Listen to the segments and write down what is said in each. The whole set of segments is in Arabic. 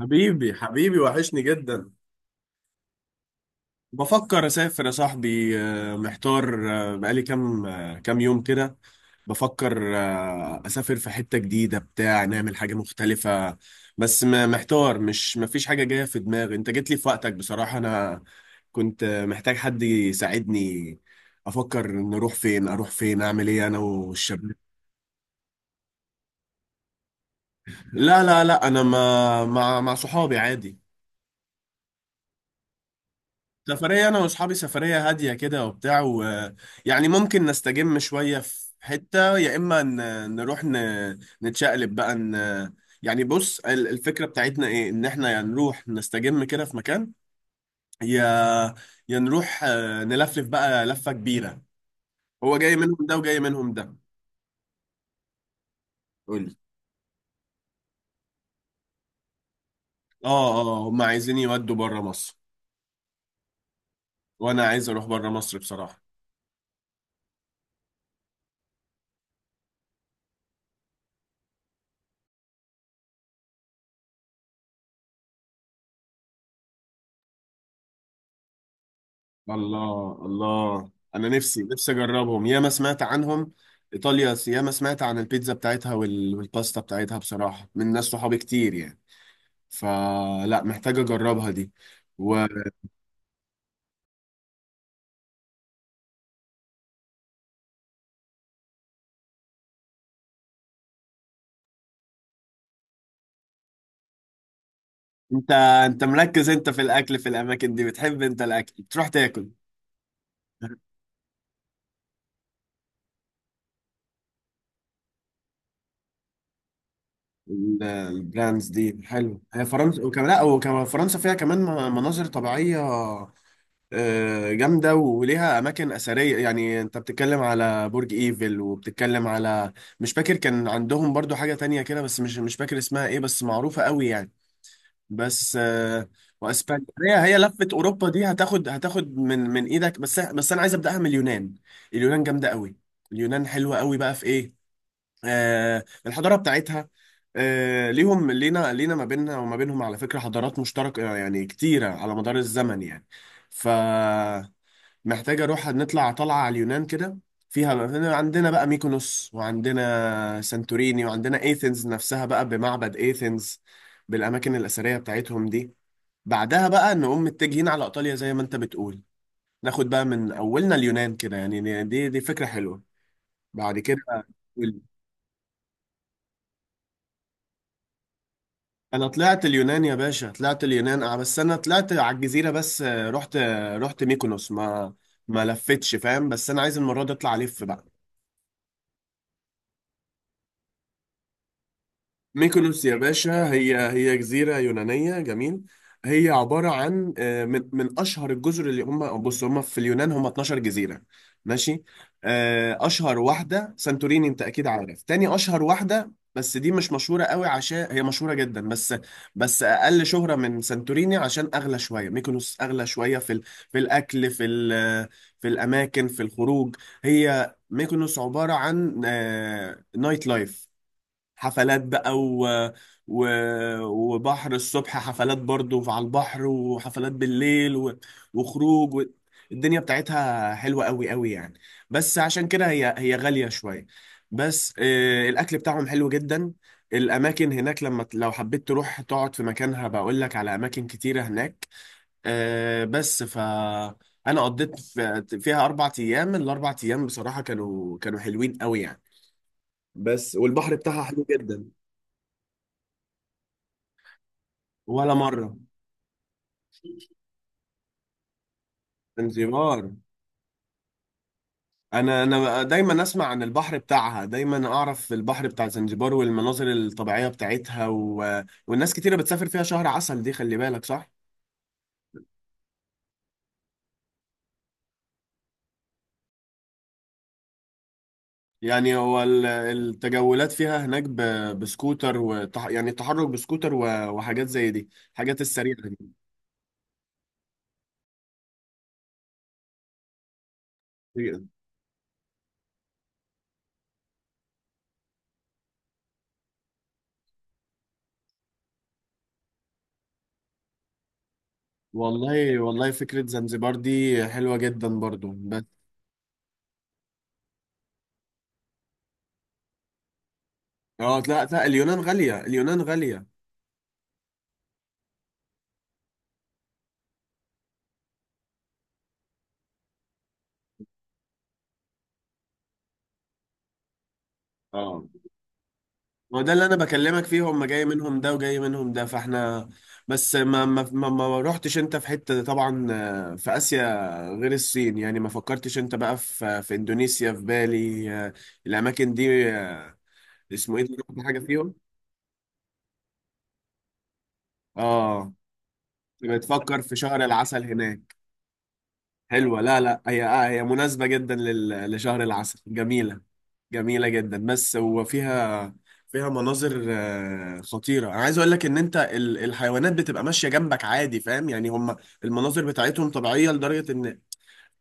حبيبي حبيبي وحشني جدا. بفكر اسافر يا صاحبي، محتار، بقالي كام، كام يوم كده. بفكر اسافر في حتة جديدة بتاع، نعمل حاجة مختلفة. بس محتار، مش مفيش حاجة جاية في دماغي. انت جيت لي في وقتك بصراحة. انا كنت محتاج حد يساعدني. افكر نروح فين، اروح فين، اعمل ايه انا والشباب. لا لا لا انا ما مع صحابي عادي. سفرية أنا وأصحابي، سفرية هادية كده وبتاع يعني ممكن نستجم شوية في حتة، يا إما نروح نتشقلب بقى يعني بص الفكرة بتاعتنا إيه؟ إن إحنا يا نروح نستجم كده في مكان، يا يا نروح نلفلف بقى لفة كبيرة. هو جاي منهم ده وجاي منهم ده. قولي. آه آه، هما عايزين يودوا بره مصر، وأنا عايز أروح بره مصر بصراحة. الله الله، انا نفسي نفسي اجربهم، ياما سمعت عنهم. ايطاليا ياما سمعت عن البيتزا بتاعتها والباستا بتاعتها بصراحه، من ناس صحابي كتير يعني. فلا محتاج اجربها دي. وانت؟ انت مركز انت في الاكل، في الاماكن دي بتحب انت الاكل، بتروح تاكل. البراندز دي حلو. هي فرنسا وكمان، لا وكمان فرنسا فيها كمان مناظر طبيعيه جامدة، وليها أماكن أثرية. يعني أنت بتتكلم على برج إيفل وبتتكلم على، مش فاكر كان عندهم برضو حاجة تانية كده، بس مش فاكر اسمها إيه، بس معروفة قوي يعني. بس وأسبانيا، هي هي لفة أوروبا دي هتاخد، من إيدك. بس بس أنا عايز أبدأها من اليونان. اليونان جامدة قوي. اليونان حلوة قوي بقى، في إيه؟ الحضارة بتاعتها. ليهم لينا، لينا ما بيننا وما بينهم على فكرة حضارات مشتركة يعني، كتيرة على مدار الزمن يعني. ف محتاج اروح، نطلع طلعه على اليونان كده. فيها هنا عندنا بقى ميكونوس، وعندنا سانتوريني، وعندنا ايثنز نفسها بقى، بمعبد ايثنز، بالاماكن الاثريه بتاعتهم دي. بعدها بقى نقوم متجهين على ايطاليا زي ما انت بتقول. ناخد بقى من اولنا اليونان كده يعني. دي فكره حلوه. بعد كده، انا طلعت اليونان يا باشا، طلعت اليونان اه. بس انا طلعت على الجزيره بس، رحت، رحت ميكونوس، ما ما لفتش فاهم. بس انا عايز المره دي اطلع الف بقى. ميكونوس يا باشا، هي هي جزيرة يونانية جميل. هي عبارة عن من من أشهر الجزر اللي هم، بص هم في اليونان هم 12 جزيرة. ماشي. أشهر واحدة سانتوريني، أنت أكيد عارف. تاني أشهر واحدة بس دي مش مشهورة قوي، عشان هي مشهورة جدا بس، بس أقل شهرة من سانتوريني، عشان أغلى شوية. ميكونوس أغلى شوية في في الأكل، في في الأماكن، في الخروج. هي ميكونوس عبارة عن نايت لايف، حفلات بقى و... وبحر الصبح، حفلات برضو على البحر، وحفلات بالليل وخروج الدنيا بتاعتها حلوة قوي قوي يعني، بس عشان كده هي هي غالية شوية. بس آه، الأكل بتاعهم حلو جدا. الأماكن هناك، لما لو حبيت تروح تقعد في مكانها، بقول لك على أماكن كتيرة هناك. آه بس ف أنا قضيت فيها أربع أيام. الأربع أيام بصراحة كانوا حلوين قوي يعني. بس والبحر بتاعها حلو جدا. ولا مرة. زنجبار. انا انا دايما اسمع عن البحر بتاعها، دايما اعرف البحر بتاع زنجبار والمناظر الطبيعية بتاعتها والناس كتيرة بتسافر فيها شهر عسل، دي خلي بالك صح. يعني هو التجولات فيها هناك بسكوتر يعني التحرك بسكوتر وحاجات زي دي، حاجات السريعة دي. والله والله فكرة زنجبار دي حلوة جدا برضو. بس اه، لا لا، اليونان غالية، اليونان غالية. اه ما هو ده اللي انا بكلمك فيه، هم جاي منهم ده وجاي منهم ده فاحنا. بس ما رحتش انت في حتة طبعا في آسيا غير الصين؟ يعني ما فكرتش انت بقى في اندونيسيا، في بالي، الاماكن دي، اسمه ايه ده؟ رحت حاجة فيهم؟ اه، بتفكر في شهر العسل هناك. حلوة، لا لا هي آه، هي مناسبة جدا لشهر العسل، جميلة، جميلة جدا. بس وفيها، فيها مناظر خطيرة. أنا عايز أقول لك إن أنت الحيوانات بتبقى ماشية جنبك عادي، فاهم يعني؟ هم المناظر بتاعتهم طبيعية لدرجة إن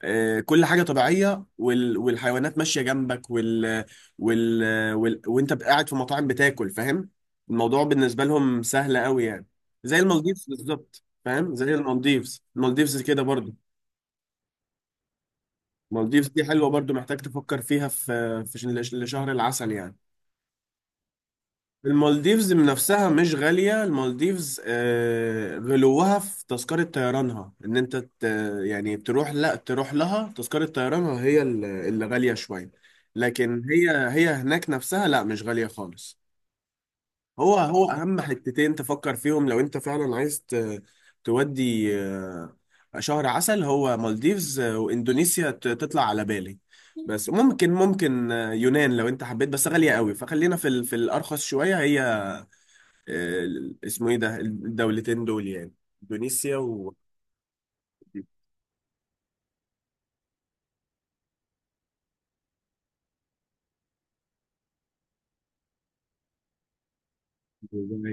كل حاجة طبيعية والحيوانات ماشية جنبك وال... وال... وأنت قاعد في مطاعم بتاكل، فاهم؟ الموضوع بالنسبة لهم سهل قوي يعني. زي المالديفز بالظبط فاهم؟ زي المالديفز، المالديفز كده برضه. المالديفز دي حلوة برضو، محتاج تفكر فيها، لشهر العسل يعني. المالديفز من نفسها مش غالية. المالديفز غلوها في تذكرة طيرانها. ان انت يعني تروح، لا تروح لها تذكرة طيرانها هي اللي غالية شوية. لكن هي هي هناك نفسها لا مش غالية خالص. هو هو اهم حتتين تفكر فيهم لو انت فعلا عايز تودي شهر عسل، هو مالديفز واندونيسيا، تطلع على بالي. بس ممكن ممكن يونان لو انت حبيت، بس غالية قوي، فخلينا في في الارخص شوية. هي آه، اسمه ايه ده، الدولتين دول يعني، اندونيسيا و دبي.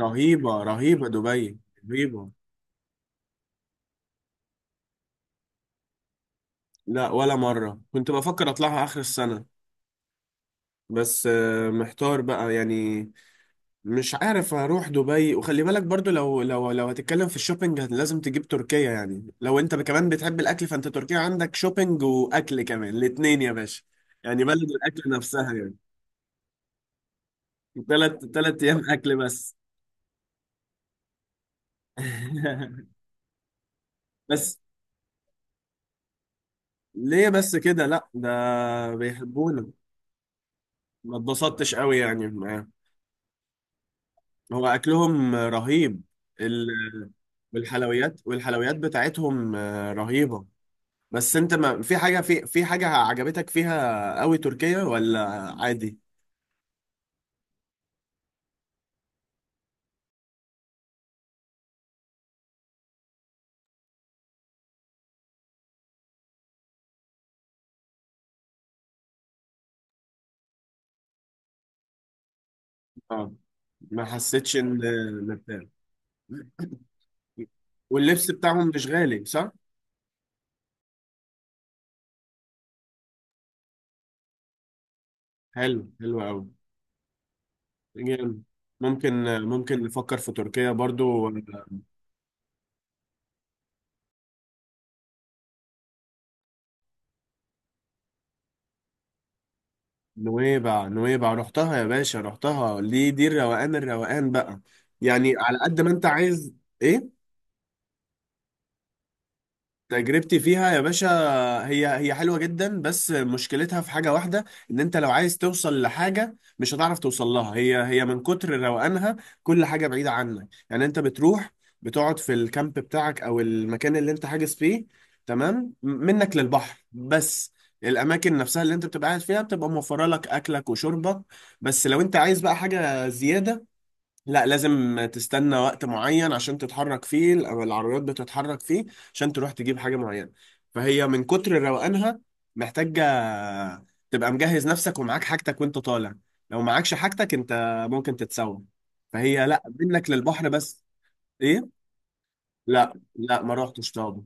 رهيبة رهيبة دبي، رهيبة. لا ولا مرة، كنت بفكر اطلعها اخر السنة، بس محتار بقى يعني، مش عارف اروح دبي. وخلي بالك برضو، لو لو لو هتتكلم في الشوبينج لازم تجيب تركيا. يعني لو انت كمان بتحب الاكل، فانت تركيا عندك شوبينج واكل كمان، الاتنين يا باشا. يعني بلد الاكل نفسها يعني. تلات ايام اكل بس؟ بس ليه بس كده؟ لا ده بيحبونا. ما اتبسطتش قوي يعني معاه. هو اكلهم رهيب. ال- والحلويات، والحلويات بتاعتهم رهيبة. بس انت ما في حاجة، في في حاجة عجبتك فيها قوي تركيا ولا عادي؟ اه، ما حسيتش ان، إن بتاع. واللبس بتاعهم مش غالي صح؟ حلو، حلو قوي، جامد. ممكن نفكر في تركيا برضو. نويبع، نويبع رحتها يا باشا، رحتها. دي دي الروقان، الروقان بقى، يعني على قد ما انت عايز. ايه؟ تجربتي فيها يا باشا، هي هي حلوة جدا، بس مشكلتها في حاجة واحدة. ان انت لو عايز توصل لحاجة مش هتعرف توصل لها، هي هي من كتر روقانها. كل حاجة بعيدة عنك، يعني انت بتروح بتقعد في الكامب بتاعك او المكان اللي انت حاجز فيه، تمام، منك للبحر بس. الاماكن نفسها اللي انت بتبقى قاعد فيها بتبقى موفرة لك اكلك وشربك بس. لو انت عايز بقى حاجة زيادة، لا، لازم تستنى وقت معين عشان تتحرك فيه، او العربيات بتتحرك فيه، عشان تروح تجيب حاجة معينة. فهي من كتر روقانها، محتاجة تبقى مجهز نفسك ومعاك حاجتك وانت طالع. لو معاكش حاجتك انت ممكن تتسوق. فهي لا منك للبحر بس. ايه؟ لا لا ما روحتش طابة.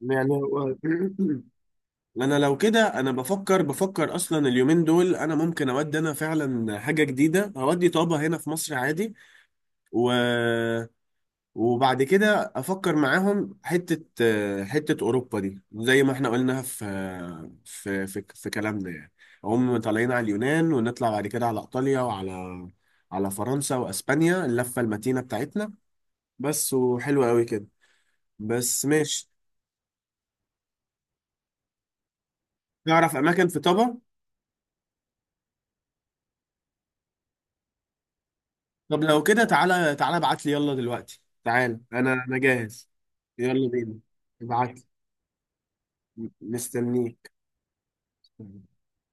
يعني هو، انا لو كده، انا بفكر اصلا اليومين دول، انا ممكن اودي، انا فعلا حاجه جديده، اودي طابه هنا في مصر عادي. و وبعد كده افكر معاهم حته حته اوروبا دي، زي ما احنا قلنا في، في كلامنا يعني. هم طالعين على اليونان، ونطلع بعد كده على ايطاليا، وعلى على فرنسا واسبانيا، اللفه المتينه بتاعتنا. بس وحلوه قوي كده، بس ماشي. نعرف اماكن في طبع. طب لو كده تعالى تعالى، ابعت لي يلا دلوقتي، تعالى انا انا جاهز. يلا بينا، ابعت لي مستنيك.